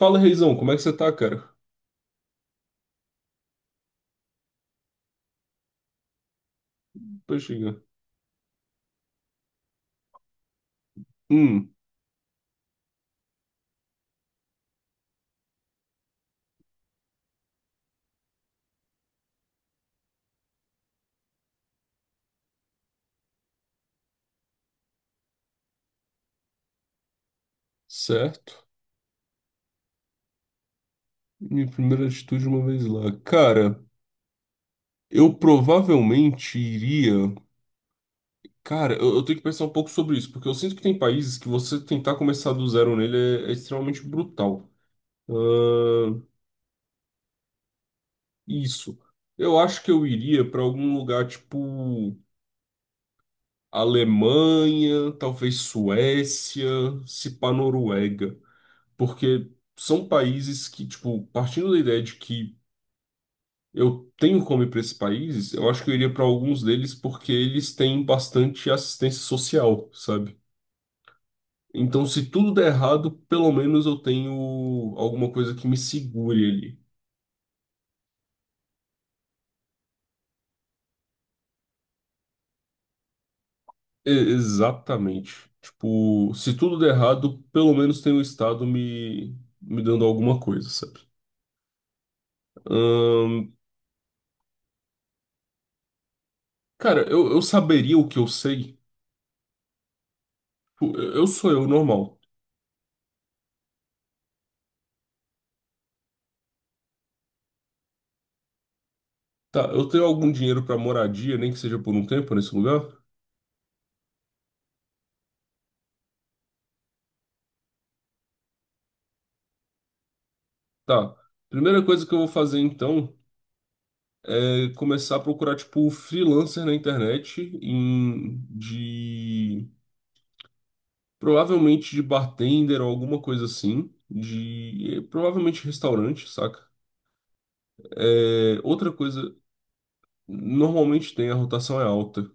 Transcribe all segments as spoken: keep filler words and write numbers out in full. Fala, Reizão, como é que você tá, cara? Pô, chega. Hum, certo. Minha primeira atitude uma vez lá. Cara, eu provavelmente iria. Cara, eu, eu tenho que pensar um pouco sobre isso, porque eu sinto que tem países que você tentar começar do zero nele é, é extremamente brutal. Ahn, isso. Eu acho que eu iria pra algum lugar tipo Alemanha, talvez Suécia, se pá Noruega. Porque são países que, tipo, partindo da ideia de que eu tenho como ir para esses países, eu acho que eu iria para alguns deles porque eles têm bastante assistência social, sabe? Então, se tudo der errado, pelo menos eu tenho alguma coisa que me segure ali. E- exatamente. Tipo, se tudo der errado, pelo menos tem o Estado me, me dando alguma coisa, sabe? Ahn, cara, eu, eu saberia o que eu sei. Tipo, Eu eu sou eu normal. Tá, eu tenho algum dinheiro para moradia, nem que seja por um tempo nesse lugar? Tá. Primeira coisa que eu vou fazer então é começar a procurar tipo um freelancer na internet em de provavelmente de bartender ou alguma coisa assim, de eh, provavelmente restaurante, saca? É, outra coisa, normalmente tem a rotação é alta.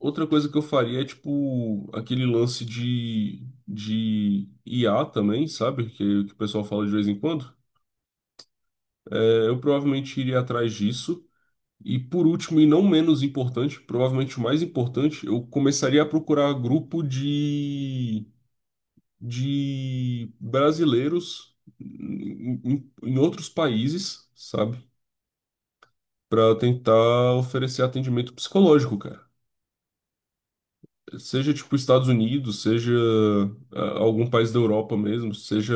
Outra coisa que eu faria é tipo aquele lance de de I A também, sabe? Que, que o pessoal fala de vez em quando. É, eu provavelmente iria atrás disso. E por último, e não menos importante, provavelmente o mais importante, eu começaria a procurar grupo de, de brasileiros em, em- em outros países, sabe? Para tentar oferecer atendimento psicológico, cara. Seja tipo Estados Unidos, seja ah, algum país da Europa mesmo, seja,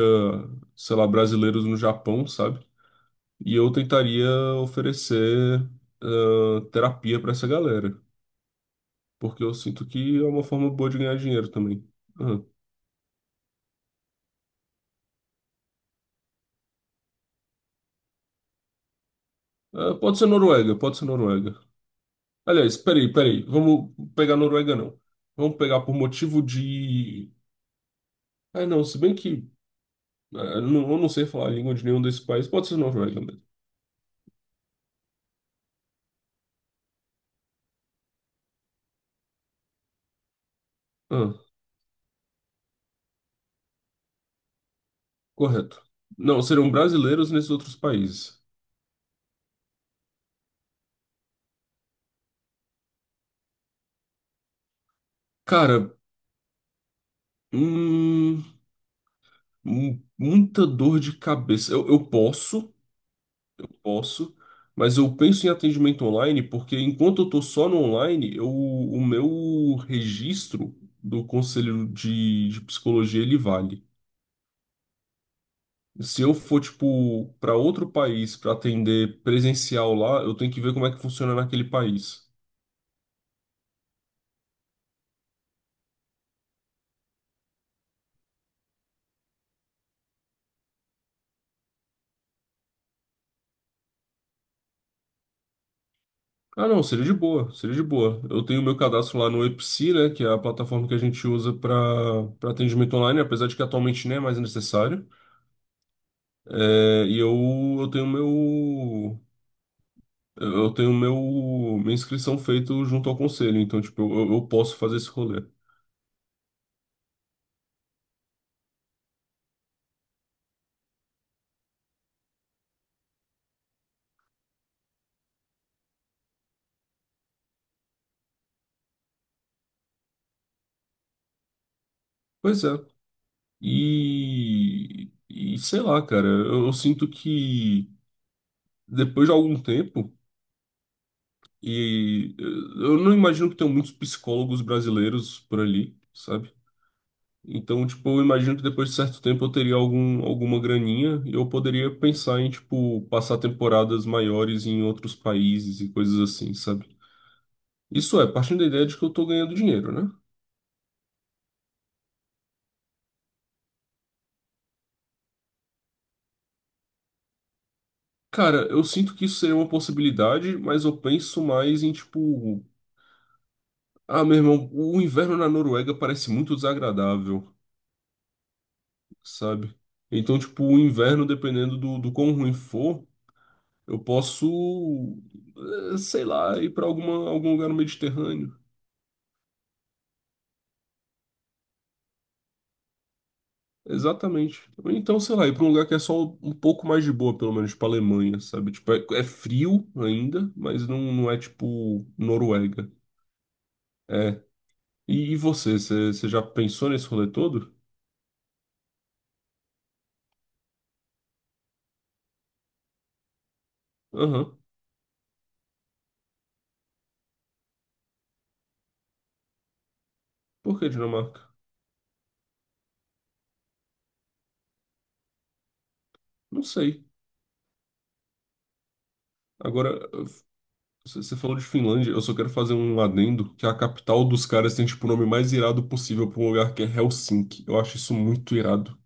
sei lá, brasileiros no Japão, sabe? E eu tentaria oferecer ah, terapia para essa galera. Porque eu sinto que é uma forma boa de ganhar dinheiro também. Aham. Ah, pode ser Noruega, pode ser Noruega. Aliás, peraí, peraí, vamos pegar Noruega não. Vamos pegar por motivo de... Ah, não, se bem que ah, não, eu não sei falar a língua de nenhum desses países, pode ser Noruega mesmo. Ah, correto. Não, serão brasileiros nesses outros países. Cara, hum, mu- muita dor de cabeça. Eu, eu posso. Posso, mas eu penso em atendimento online porque enquanto eu estou só no online, eu, o meu registro do conselho de, de psicologia ele vale. Se eu for, tipo, para outro país para atender presencial lá, eu tenho que ver como é que funciona naquele país. Ah, não, seria de boa, seria de boa. Eu tenho meu cadastro lá no épsi, né, que é a plataforma que a gente usa para para atendimento online, apesar de que atualmente nem é mais necessário. É, e eu, eu tenho meu Eu tenho meu, minha inscrição feita junto ao conselho, então, tipo, eu, eu posso fazer esse rolê. Pois é. E, e sei lá, cara, eu, eu sinto que depois de algum tempo, e eh, eu não imagino que tenham muitos psicólogos brasileiros por ali, sabe? Então, tipo, eu imagino que depois de certo tempo eu teria algum, alguma graninha e eu poderia pensar em, tipo, passar temporadas maiores em outros países e coisas assim, sabe? Isso é, partindo da ideia de que eu tô ganhando dinheiro, né? Cara, eu sinto que isso seria uma possibilidade, mas eu penso mais em tipo, ah, meu irmão, o inverno na Noruega parece muito desagradável, sabe? Então, tipo, o inverno, dependendo do, do quão ruim for, eu posso, eh, sei lá, ir pra alguma, algum lugar no Mediterrâneo. Exatamente. Ou então, sei lá, ir pra um lugar que é só um pouco mais de boa, pelo menos, pra Alemanha, sabe? Tipo, é, é frio ainda, mas não, não é tipo Noruega. É. E, e você, você você já pensou nesse rolê todo? Aham. Por que Dinamarca? Não sei. Agora, você falou de Finlândia, eu só quero fazer um adendo que é a capital dos caras tem tipo o nome mais irado possível pra um lugar que é Helsinki. Eu acho isso muito irado.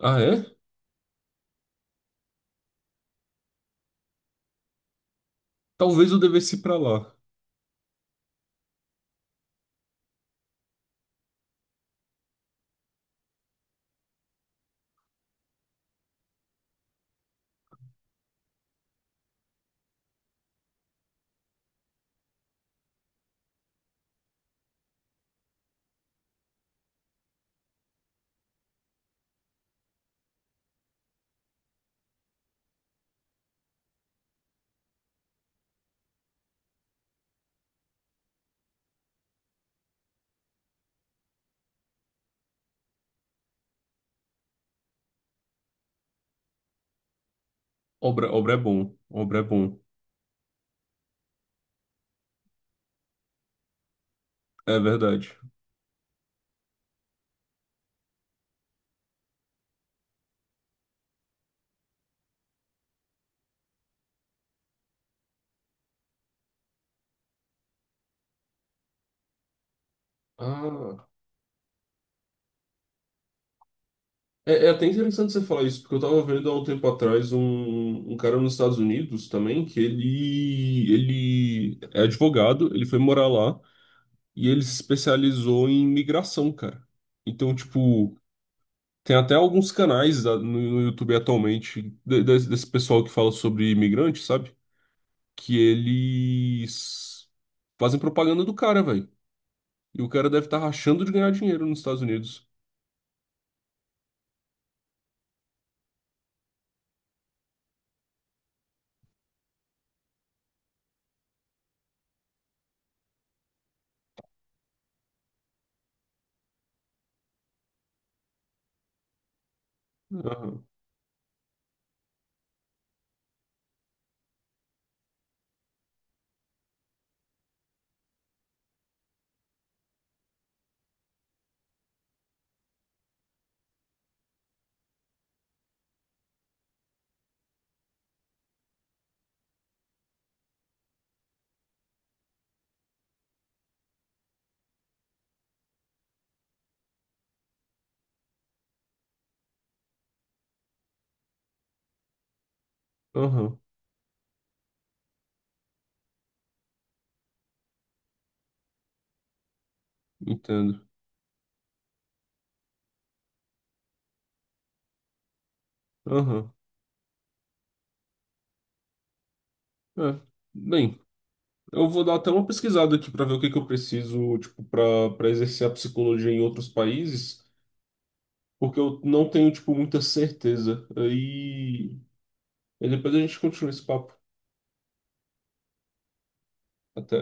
Ah, é? Talvez eu devesse ir pra lá. Obra, obra é bom. Obra é bom. É verdade. Ah. É, é até interessante você falar isso, porque eu tava vendo há um tempo atrás um, um cara nos Estados Unidos também, que ele, ele é advogado, ele foi morar lá. E ele se especializou em migração, cara. Então, tipo, tem até alguns canais da- no, no YouTube atualmente de- desse, desse pessoal que fala sobre imigrante, sabe? Que eles fazem propaganda do cara, velho. E o cara deve estar rachando de ganhar dinheiro nos Estados Unidos. Aham, aham, entendo. Aham, é. Bem, eu vou dar até uma pesquisada aqui para ver o que que eu preciso, tipo, para para exercer a psicologia em outros países. Porque eu não tenho, tipo, muita certeza. Aí, e depois a gente continua esse papo. Até.